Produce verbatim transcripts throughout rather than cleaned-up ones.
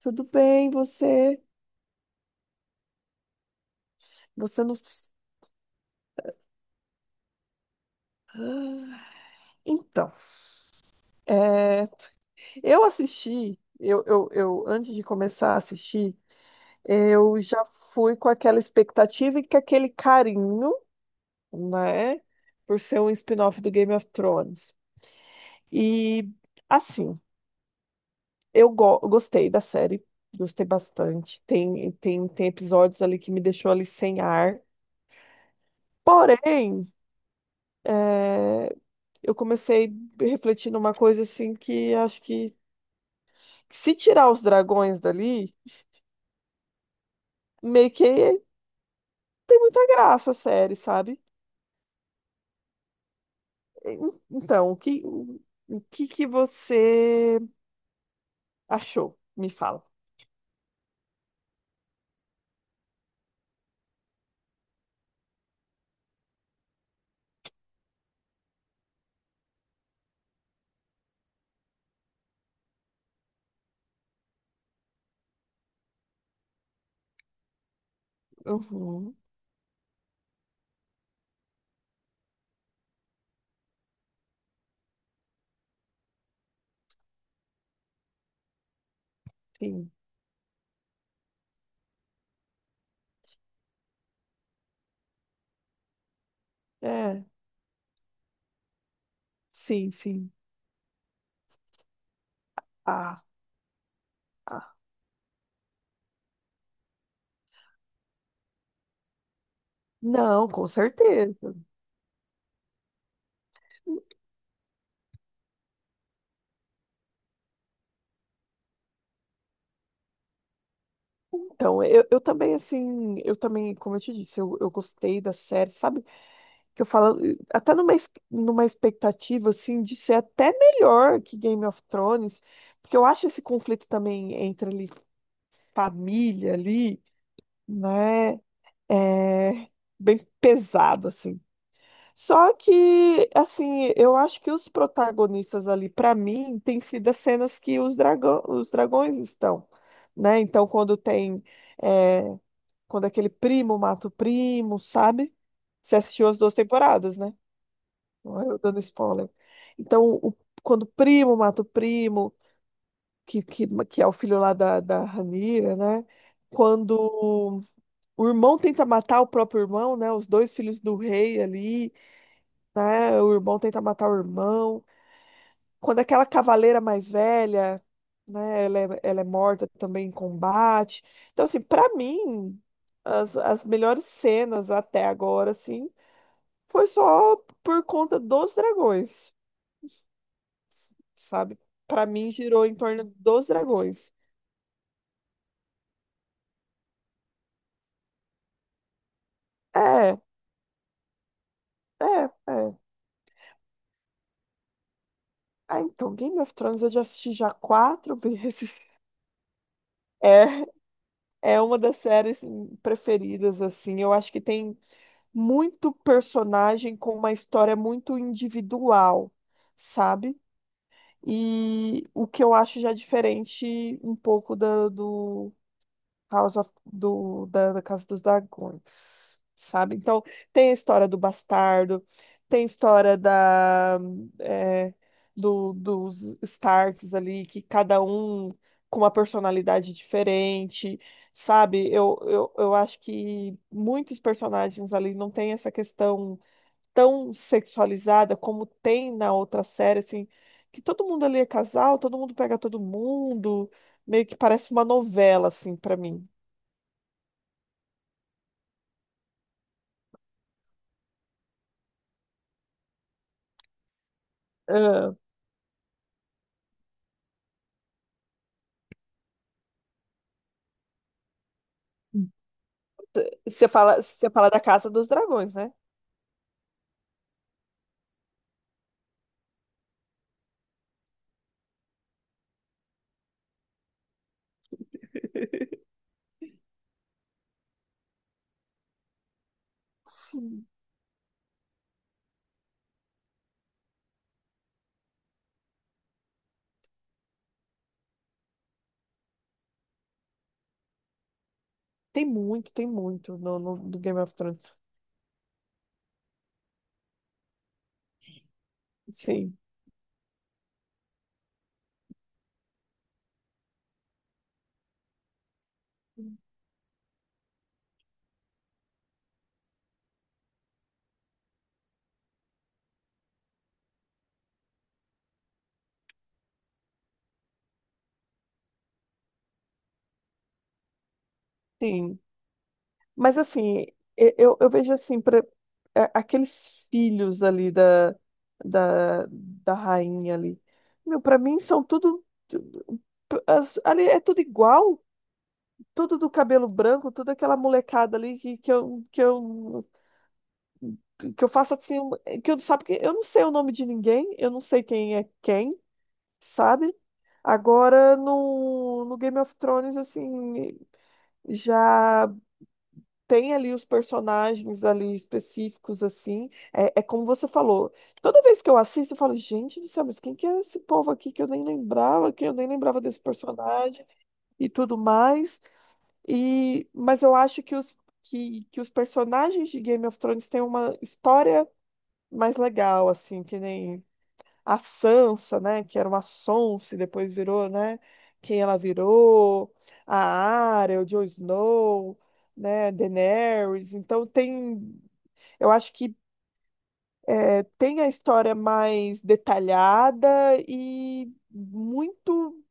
Tudo bem, você? Você não. s- Ah, então, é, eu assisti, eu, eu, eu, antes de começar a assistir, eu já fui com aquela expectativa e com aquele carinho, né? Por ser um spin-off do Game of Thrones. E, assim, eu go- gostei da série, gostei bastante. Tem, tem, tem episódios ali que me deixou ali sem ar. Porém, é, eu comecei refletindo uma coisa assim que acho que se tirar os dragões dali, meio que tem muita graça a série, sabe? En- Então, o que, o que que você achou? Me fala. Uhum, sim. É, sim, sim. Ah, ah. Não, com certeza. Então, eu, eu também, assim, eu também, como eu te disse, eu, eu gostei da série, sabe? Que eu falo, até numa, es- numa expectativa, assim, de ser até melhor que Game of Thrones, porque eu acho esse conflito também entre ali, família ali, né, é bem pesado, assim. Só que, assim, eu acho que os protagonistas ali, para mim, tem sido as cenas que os dragão, os dragões estão, né? Então, quando tem, é, quando aquele primo mata o primo, sabe? Você assistiu as duas temporadas, né? Ó, eu dando spoiler. Então, o- quando o primo mata o primo, que, que, que é o filho lá da, da Ranira, né? Quando o irmão tenta matar o próprio irmão, né? Os dois filhos do rei ali, né? O irmão tenta matar o irmão. Quando aquela cavaleira mais velha, né? Ela é, ela é morta também em combate. Então, assim, pra mim, as, as melhores cenas até agora, assim, foi só por conta dos dragões, sabe? Pra mim girou em torno dos dragões. É, é, é. Ah, então, Game of Thrones eu já assisti já quatro vezes. É, é uma das séries hum, preferidas, assim. Eu acho que tem muito personagem com uma história muito individual, sabe? E o que eu acho já diferente um pouco da, do, House of, do, da, da Casa dos Dragões, sabe? Então, tem a história do bastardo, tem a história da, é, do, dos Starks ali, que cada um com uma personalidade diferente, sabe? Eu, eu, eu acho que muitos personagens ali não têm essa questão tão sexualizada como tem na outra série, assim, que todo mundo ali é casal, todo mundo pega todo mundo, meio que parece uma novela, assim, pra mim. Ah, você fala, você fala da Casa dos Dragões, né? Tem muito, tem muito no, no- do Game of Thrones. Sim, sim. Mas assim, e- eu, eu vejo assim, pra, a- aqueles filhos ali da, da, da rainha ali. Meu, pra mim são tudo. tu- as- Ali é tudo igual, tudo do cabelo branco, tudo aquela molecada ali que, que eu, que eu, que eu faço assim, que eu não sabe que eu não sei o nome de ninguém, eu não sei quem é quem. Sabe? Agora no, no Game of Thrones, assim, já tem ali os personagens ali específicos, assim. É, é como você falou. Toda vez que eu assisto, eu falo, gente do céu, mas quem que é esse povo aqui que eu nem lembrava, que eu nem lembrava desse personagem e tudo mais. E, mas eu acho que os, que, que os personagens de Game of Thrones têm uma história mais legal, assim, que nem a Sansa, né, que era uma sonsa e depois virou, né, quem ela virou, a Arya, o Jon Snow, né, Daenerys. Então tem, eu acho que é, tem a história mais detalhada e muito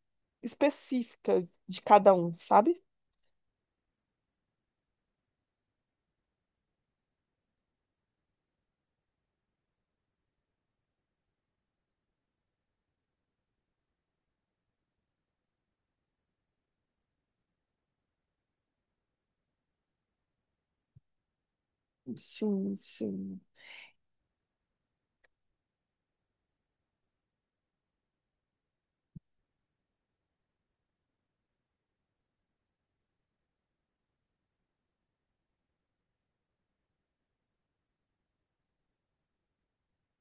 específica de cada um, sabe? Sim, sim.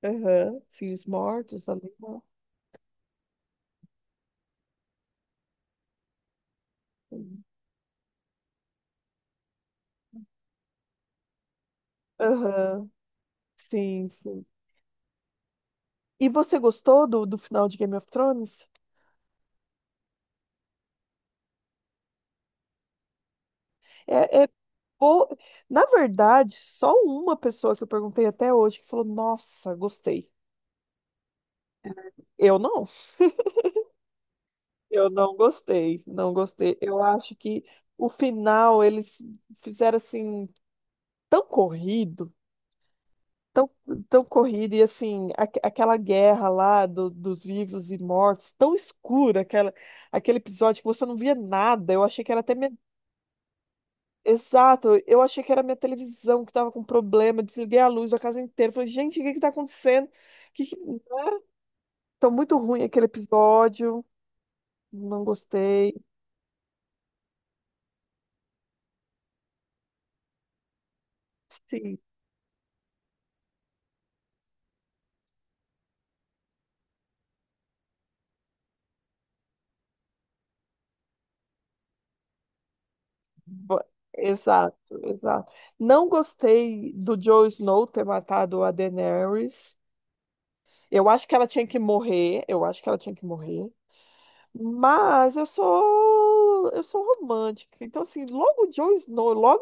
Aham, sim, os mortos ali, né? Sim. Aham, sim, sim. E você gostou do, do final de Game of Thrones? É, é. Pô, na verdade, só uma pessoa que eu perguntei até hoje que falou: Nossa, gostei. Eu não. Eu não gostei. Não gostei. Eu acho que o final eles fizeram assim, tão corrido, tão, tão corrido, e assim, aque- aquela guerra lá do- dos vivos e mortos, tão escura, aquela, aquele episódio que você não via nada. Eu achei que era até. Exato, eu achei que era minha televisão que tava com problema, desliguei a luz da casa inteira. Falei, gente, o que que tá acontecendo? Que que. Tá muito ruim aquele episódio, não gostei. Sim, bo- exato, exato. Não gostei do Jon Snow ter matado a Daenerys. Eu acho que ela tinha que morrer, eu acho que ela tinha que morrer. Mas eu sou eu sou romântica. Então assim, logo o Jon Snow, logo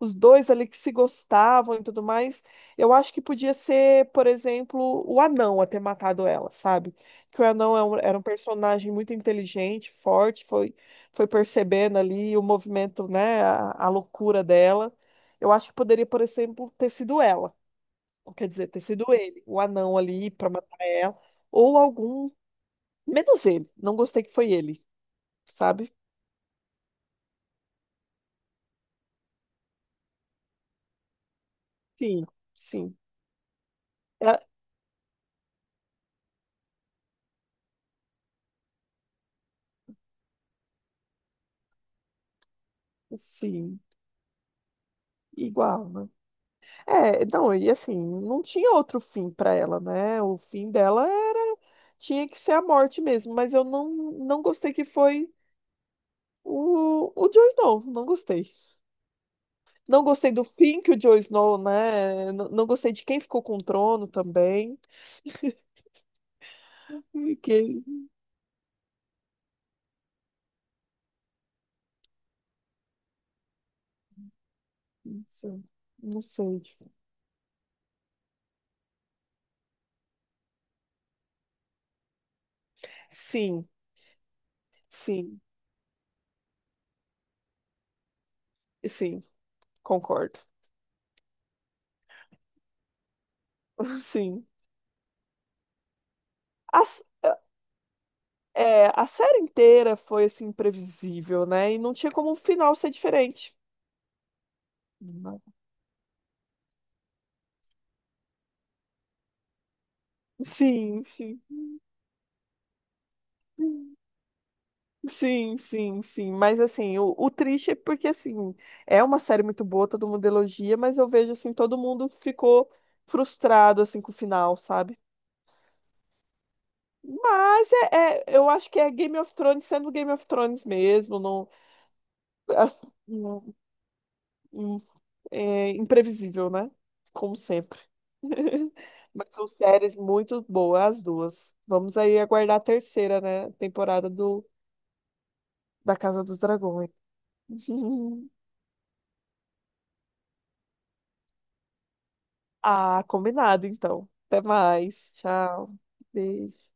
os dois ali que se gostavam e tudo mais. Eu acho que podia ser, por exemplo, o anão a ter matado ela, sabe? Que o anão é um- era um personagem muito inteligente, forte, foi, foi percebendo ali o movimento, né, a, a loucura dela. Eu acho que poderia, por exemplo, ter sido ela, ou quer dizer, ter sido ele, o anão ali para matar ela, ou algum, menos ele. Não gostei que foi ele, sabe? Sim, sim. É, sim, igual, né? É, não, e assim, não tinha outro fim para ela, né? O fim dela era tinha que ser a morte mesmo, mas eu não não gostei que foi o o Jon Snow, não gostei. Não gostei do fim que o Jon Snow, né? Não, não gostei de quem ficou com o trono também. E que, não sei, não sei. Tipo, sim, sim, sim, concordo. Sim. As- é, a série inteira foi assim imprevisível, né? E não tinha como o final ser diferente. Sim, sim. Sim, sim, sim. Mas assim, o, o triste é porque assim, é uma série muito boa, todo mundo elogia, mas eu vejo assim, todo mundo ficou frustrado assim com o final, sabe? Mas é, é- eu acho que é Game of Thrones sendo Game of Thrones mesmo, não, as- não- não- é imprevisível, né? Como sempre. Mas são séries muito boas, as duas. Vamos aí aguardar a terceira, né, temporada do da Casa dos Dragões. Ah, combinado então. Até mais. Tchau. Beijo.